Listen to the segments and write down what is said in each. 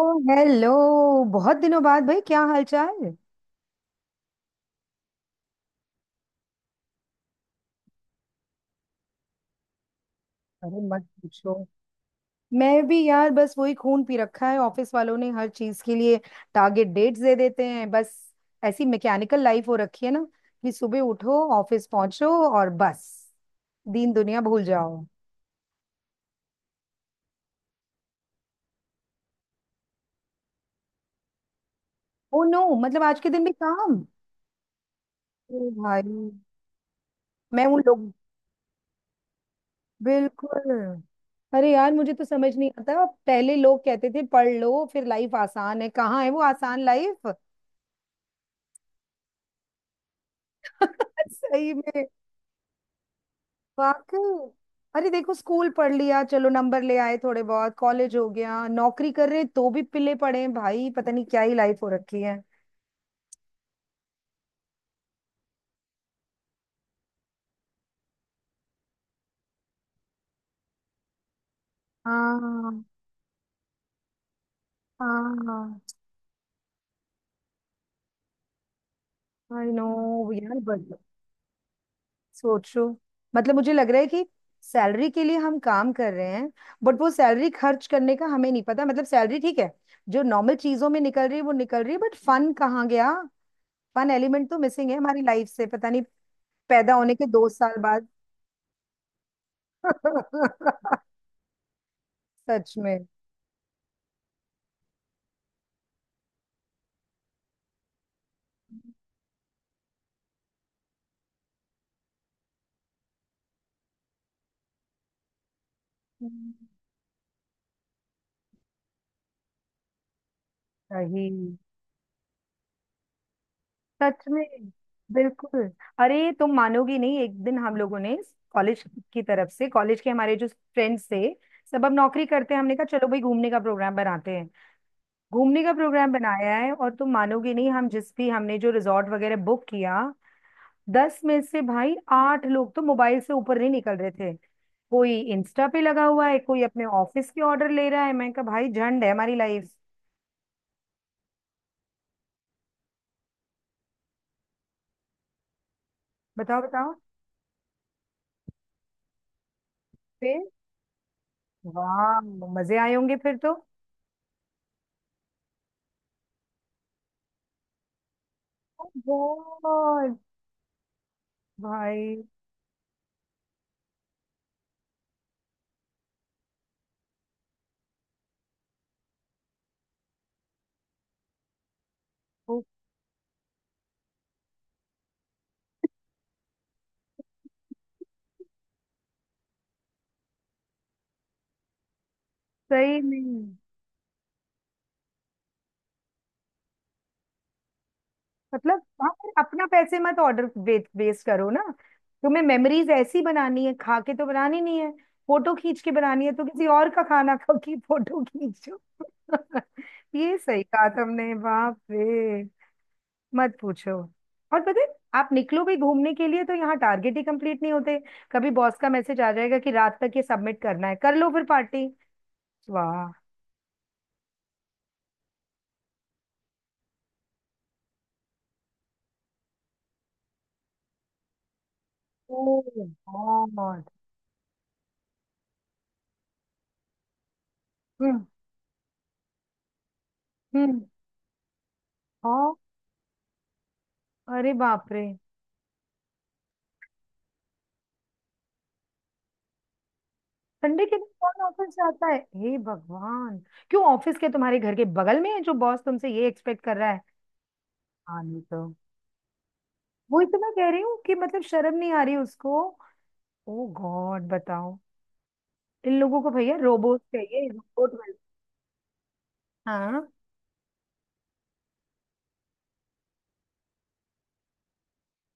ओ hello. बहुत दिनों बाद भाई, क्या हालचाल। अरे मत पूछो। मैं भी यार बस वही, खून पी रखा है ऑफिस वालों ने हर चीज के लिए। टारगेट डेट्स दे देते हैं बस। ऐसी मैकेनिकल लाइफ हो रखी है ना, कि सुबह उठो, ऑफिस पहुंचो, और बस दीन दुनिया भूल जाओ। ओ नो, मतलब आज के दिन भी काम। ओ भाई। मैं उन लोग बिल्कुल। अरे यार, मुझे तो समझ नहीं आता, पहले लोग कहते थे पढ़ लो फिर लाइफ आसान है। कहाँ है वो आसान लाइफ। सही में। वाकई। अरे देखो, स्कूल पढ़ लिया, चलो नंबर ले आए थोड़े बहुत, कॉलेज हो गया, नौकरी कर रहे तो भी पिले पड़े हैं भाई। पता नहीं क्या ही लाइफ हो रखी है। हाँ। हाँ। I know. यार बट सोचो, मतलब मुझे लग रहा है कि सैलरी के लिए हम काम कर रहे हैं, बट वो सैलरी खर्च करने का हमें नहीं पता। मतलब सैलरी ठीक है, जो नॉर्मल चीजों में निकल रही है वो निकल रही है, बट फन कहाँ गया। फन एलिमेंट तो मिसिंग है हमारी लाइफ से, पता नहीं पैदा होने के दो साल बाद। सच में। हम्म, सही। सच में। बिल्कुल। अरे तुम मानोगी नहीं, एक दिन हम लोगों ने कॉलेज की तरफ से, कॉलेज के हमारे जो फ्रेंड्स थे सब अब नौकरी करते हैं, हमने कहा चलो भाई घूमने का प्रोग्राम बनाते हैं। घूमने का प्रोग्राम बनाया है, और तुम मानोगी नहीं, हम जिस भी, हमने जो रिजॉर्ट वगैरह बुक किया, दस में से भाई आठ लोग तो मोबाइल से ऊपर नहीं निकल रहे थे। कोई इंस्टा पे लगा हुआ है, कोई अपने ऑफिस के ऑर्डर ले रहा है, मैं कहा भाई झंड है हमारी लाइफ। बताओ बताओ। वाह, मजे आए होंगे फिर तो। बहुत। भाई। वो। सही में। मतलब हाँ, पर अपना पैसे मत ऑर्डर वेस्ट वेस्ट करो ना। तुम्हें मेमोरीज ऐसी बनानी है, खा के तो बनानी नहीं है, फोटो खींच के बनानी है, तो किसी और का खाना खा के फोटो खींचो। ये सही कहा तुमने, बाप रे। मत पूछो। और पता है, आप निकलो भी घूमने के लिए तो यहाँ टारगेट ही कंप्लीट नहीं होते। कभी बॉस का मैसेज आ जाएगा कि रात तक ये सबमिट करना है, कर लो फिर पार्टी। वाह। ओ गॉड। हम्म हम्म और। अरे बाप रे। संडे के दिन कौन ऑफिस जाता है, हे भगवान। क्यों, ऑफिस के तुम्हारे घर के बगल में है जो बॉस तुमसे ये एक्सपेक्ट कर रहा है। हाँ नहीं तो, वही तो मैं कह रही हूँ कि मतलब शर्म नहीं आ रही उसको। ओ गॉड, बताओ। इन लोगों को भैया रोबोट चाहिए, रोबोट वाले। हाँ।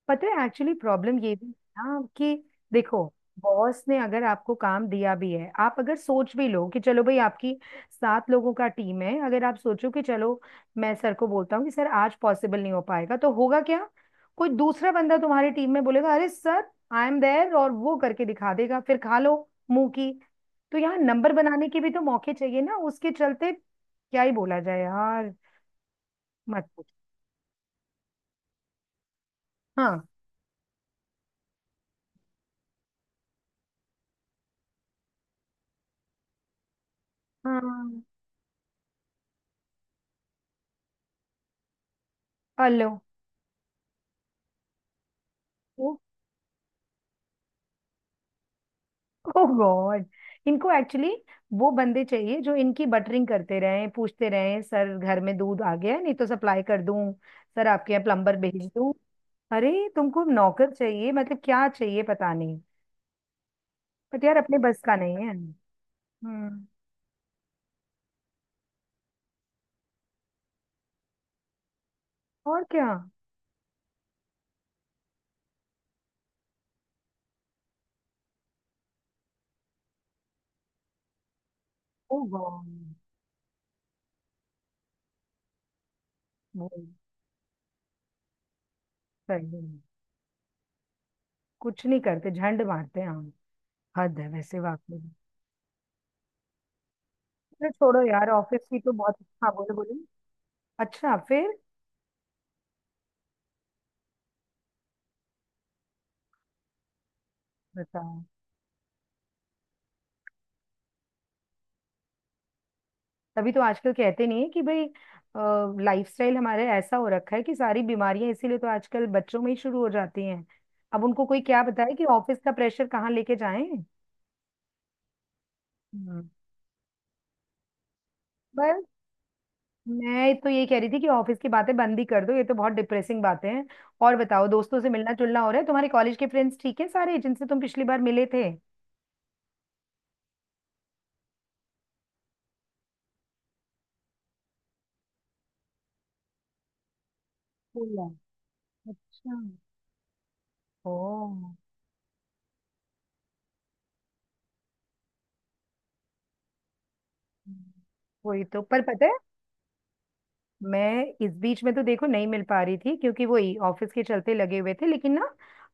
पता है एक्चुअली प्रॉब्लम ये भी है ना कि देखो, बॉस ने अगर आपको काम दिया भी है, आप अगर सोच भी लो कि चलो भाई, आपकी सात लोगों का टीम है, अगर आप सोचो कि चलो मैं सर को बोलता हूँ कि सर आज पॉसिबल नहीं हो पाएगा, तो होगा क्या, कोई दूसरा बंदा तुम्हारी टीम में बोलेगा अरे सर आई एम देयर, और वो करके दिखा देगा, फिर खा लो मुंह की। तो यहाँ नंबर बनाने के भी तो मौके चाहिए ना उसके चलते। क्या ही बोला जाए यार, मत पूछ। हाँ। हाँ। हेलो। ओह गॉड। इनको एक्चुअली वो बंदे चाहिए जो इनकी बटरिंग करते रहें, पूछते रहें सर घर में दूध आ गया है? नहीं तो सप्लाई कर दूं। सर आपके यहाँ प्लम्बर भेज दूं। अरे तुमको नौकर चाहिए, मतलब क्या चाहिए पता नहीं। बट यार अपने बस का नहीं है। हम्म। और क्या। ओ गॉड। वो। सही में, कुछ नहीं करते, झंड मारते हैं हम। हद है वैसे वाकई में। अरे छोड़ो यार, ऑफिस की तो बहुत। हाँ बोलो बोलो। अच्छा, फिर बताओ। तभी तो आजकल कहते नहीं है कि भाई लाइफस्टाइल हमारे ऐसा हो रखा है कि सारी बीमारियां इसीलिए तो आजकल बच्चों में ही शुरू हो जाती हैं। अब उनको कोई क्या बताए कि ऑफिस का प्रेशर कहाँ लेके जाएं। हम्म। बस मैं तो ये कह रही थी कि ऑफिस की बातें बंद ही कर दो, ये तो बहुत डिप्रेसिंग बातें हैं। और बताओ, दोस्तों से मिलना जुलना हो रहा है, तुम्हारे कॉलेज के फ्रेंड्स ठीक है सारे, जिनसे तुम पिछली बार मिले थे। बोला। अच्छा। ओह। हम्म। वही तो, पर पता है, मैं इस बीच में तो देखो नहीं मिल पा रही थी क्योंकि वही ऑफिस के चलते लगे हुए थे, लेकिन ना,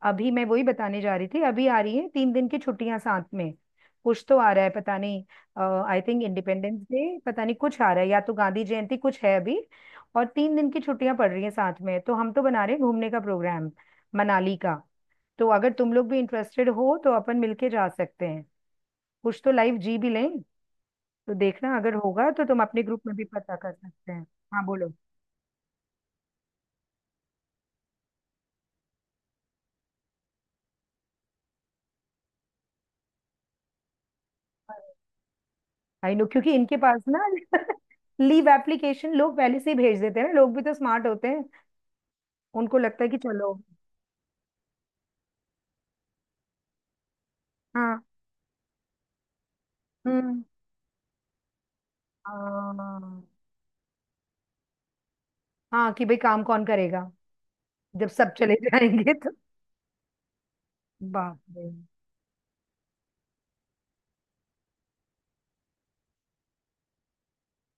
अभी मैं वही बताने जा रही थी, अभी आ रही है तीन दिन की छुट्टियां साथ में। कुछ तो आ रहा है पता नहीं, आई थिंक इंडिपेंडेंस डे, पता नहीं कुछ आ रहा है या तो गांधी जयंती, कुछ है अभी। और तीन दिन की छुट्टियां पड़ रही हैं साथ में, तो हम तो बना रहे हैं घूमने का प्रोग्राम, मनाली का। तो अगर तुम लोग भी इंटरेस्टेड हो तो अपन मिलके जा सकते हैं, कुछ तो लाइव जी भी लें। तो देखना, अगर होगा तो तुम अपने ग्रुप में भी पता कर सकते हैं। हाँ बोलो। आई नो, क्योंकि इनके पास ना, लीव एप्लीकेशन लोग पहले से ही भेज देते हैं ना, लोग भी तो स्मार्ट होते हैं, उनको लगता है कि चलो। हाँ। हम्म। हाँ। हाँ कि भाई काम कौन करेगा जब सब चले जाएंगे तो। बाप रे।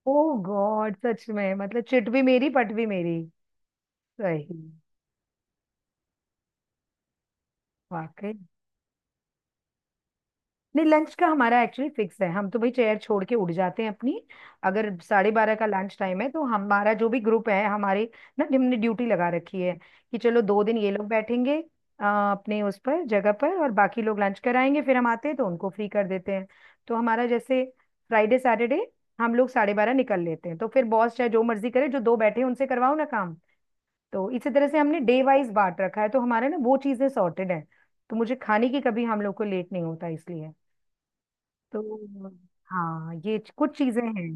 ओ गॉड, सच में मतलब चिट भी मेरी पट भी मेरी। सही। वाकई। नहीं लंच का हमारा एक्चुअली फिक्स है, हम तो भाई चेयर छोड़ के उड़ जाते हैं अपनी। अगर साढ़े बारह का लंच टाइम है तो हमारा जो भी ग्रुप है हमारे ना, हमने ड्यूटी लगा रखी है कि चलो दो दिन ये लोग बैठेंगे अपने उस पर जगह पर, और बाकी लोग लंच कराएंगे, फिर हम आते हैं तो उनको फ्री कर देते हैं। तो हमारा जैसे फ्राइडे सैटरडे हम लोग साढ़े बारह निकल लेते हैं, तो फिर बॉस चाहे जो मर्जी करे, जो दो बैठे हैं उनसे करवाओ ना काम। तो इसी तरह से हमने डे वाइज बांट रखा है, तो हमारा ना वो चीजें सॉर्टेड है। तो मुझे खाने की कभी हम लोग को लेट नहीं होता इसलिए। तो हाँ, कुछ चीजें हैं।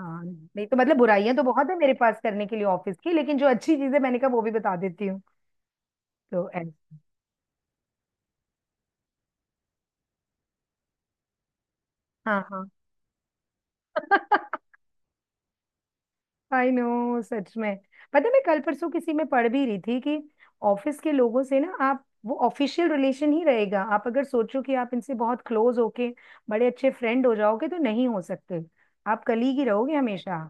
हाँ नहीं तो मतलब बुराइयां तो बहुत है मेरे पास करने के लिए ऑफिस की, लेकिन जो अच्छी चीजें मैंने कहा वो भी बता देती हूँ। तो ऐसे। हाँ। हाँ। आई नो, सच में। पता है मैं कल परसों किसी में पढ़ भी रही थी कि ऑफिस के लोगों से ना आप वो ऑफिशियल रिलेशन ही रहेगा, आप अगर सोचो कि आप इनसे बहुत क्लोज होके बड़े अच्छे फ्रेंड हो जाओगे तो नहीं हो सकते, आप कलीग ही रहोगे हमेशा,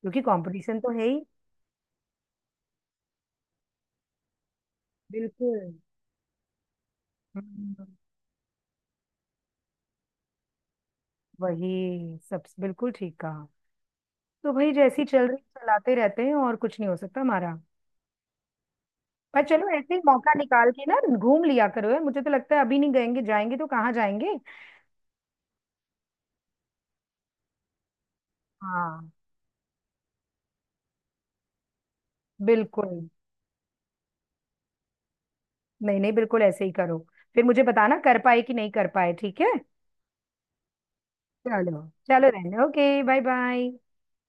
क्योंकि कंपटीशन तो है ही। बिल्कुल। हम्म, वही सब बिल्कुल ठीक कहा। तो भाई जैसी चल रही चलाते रहते हैं, और कुछ नहीं हो सकता हमारा। पर चलो ऐसे ही मौका निकाल के ना घूम लिया करो यार, मुझे तो लगता है अभी नहीं गएंगे जाएंगे तो कहाँ जाएंगे। हाँ बिल्कुल। नहीं नहीं बिल्कुल ऐसे ही करो, फिर मुझे बताना कर पाए कि नहीं कर पाए, ठीक है। चलो। चलो, रहने, ओके बाय बाय।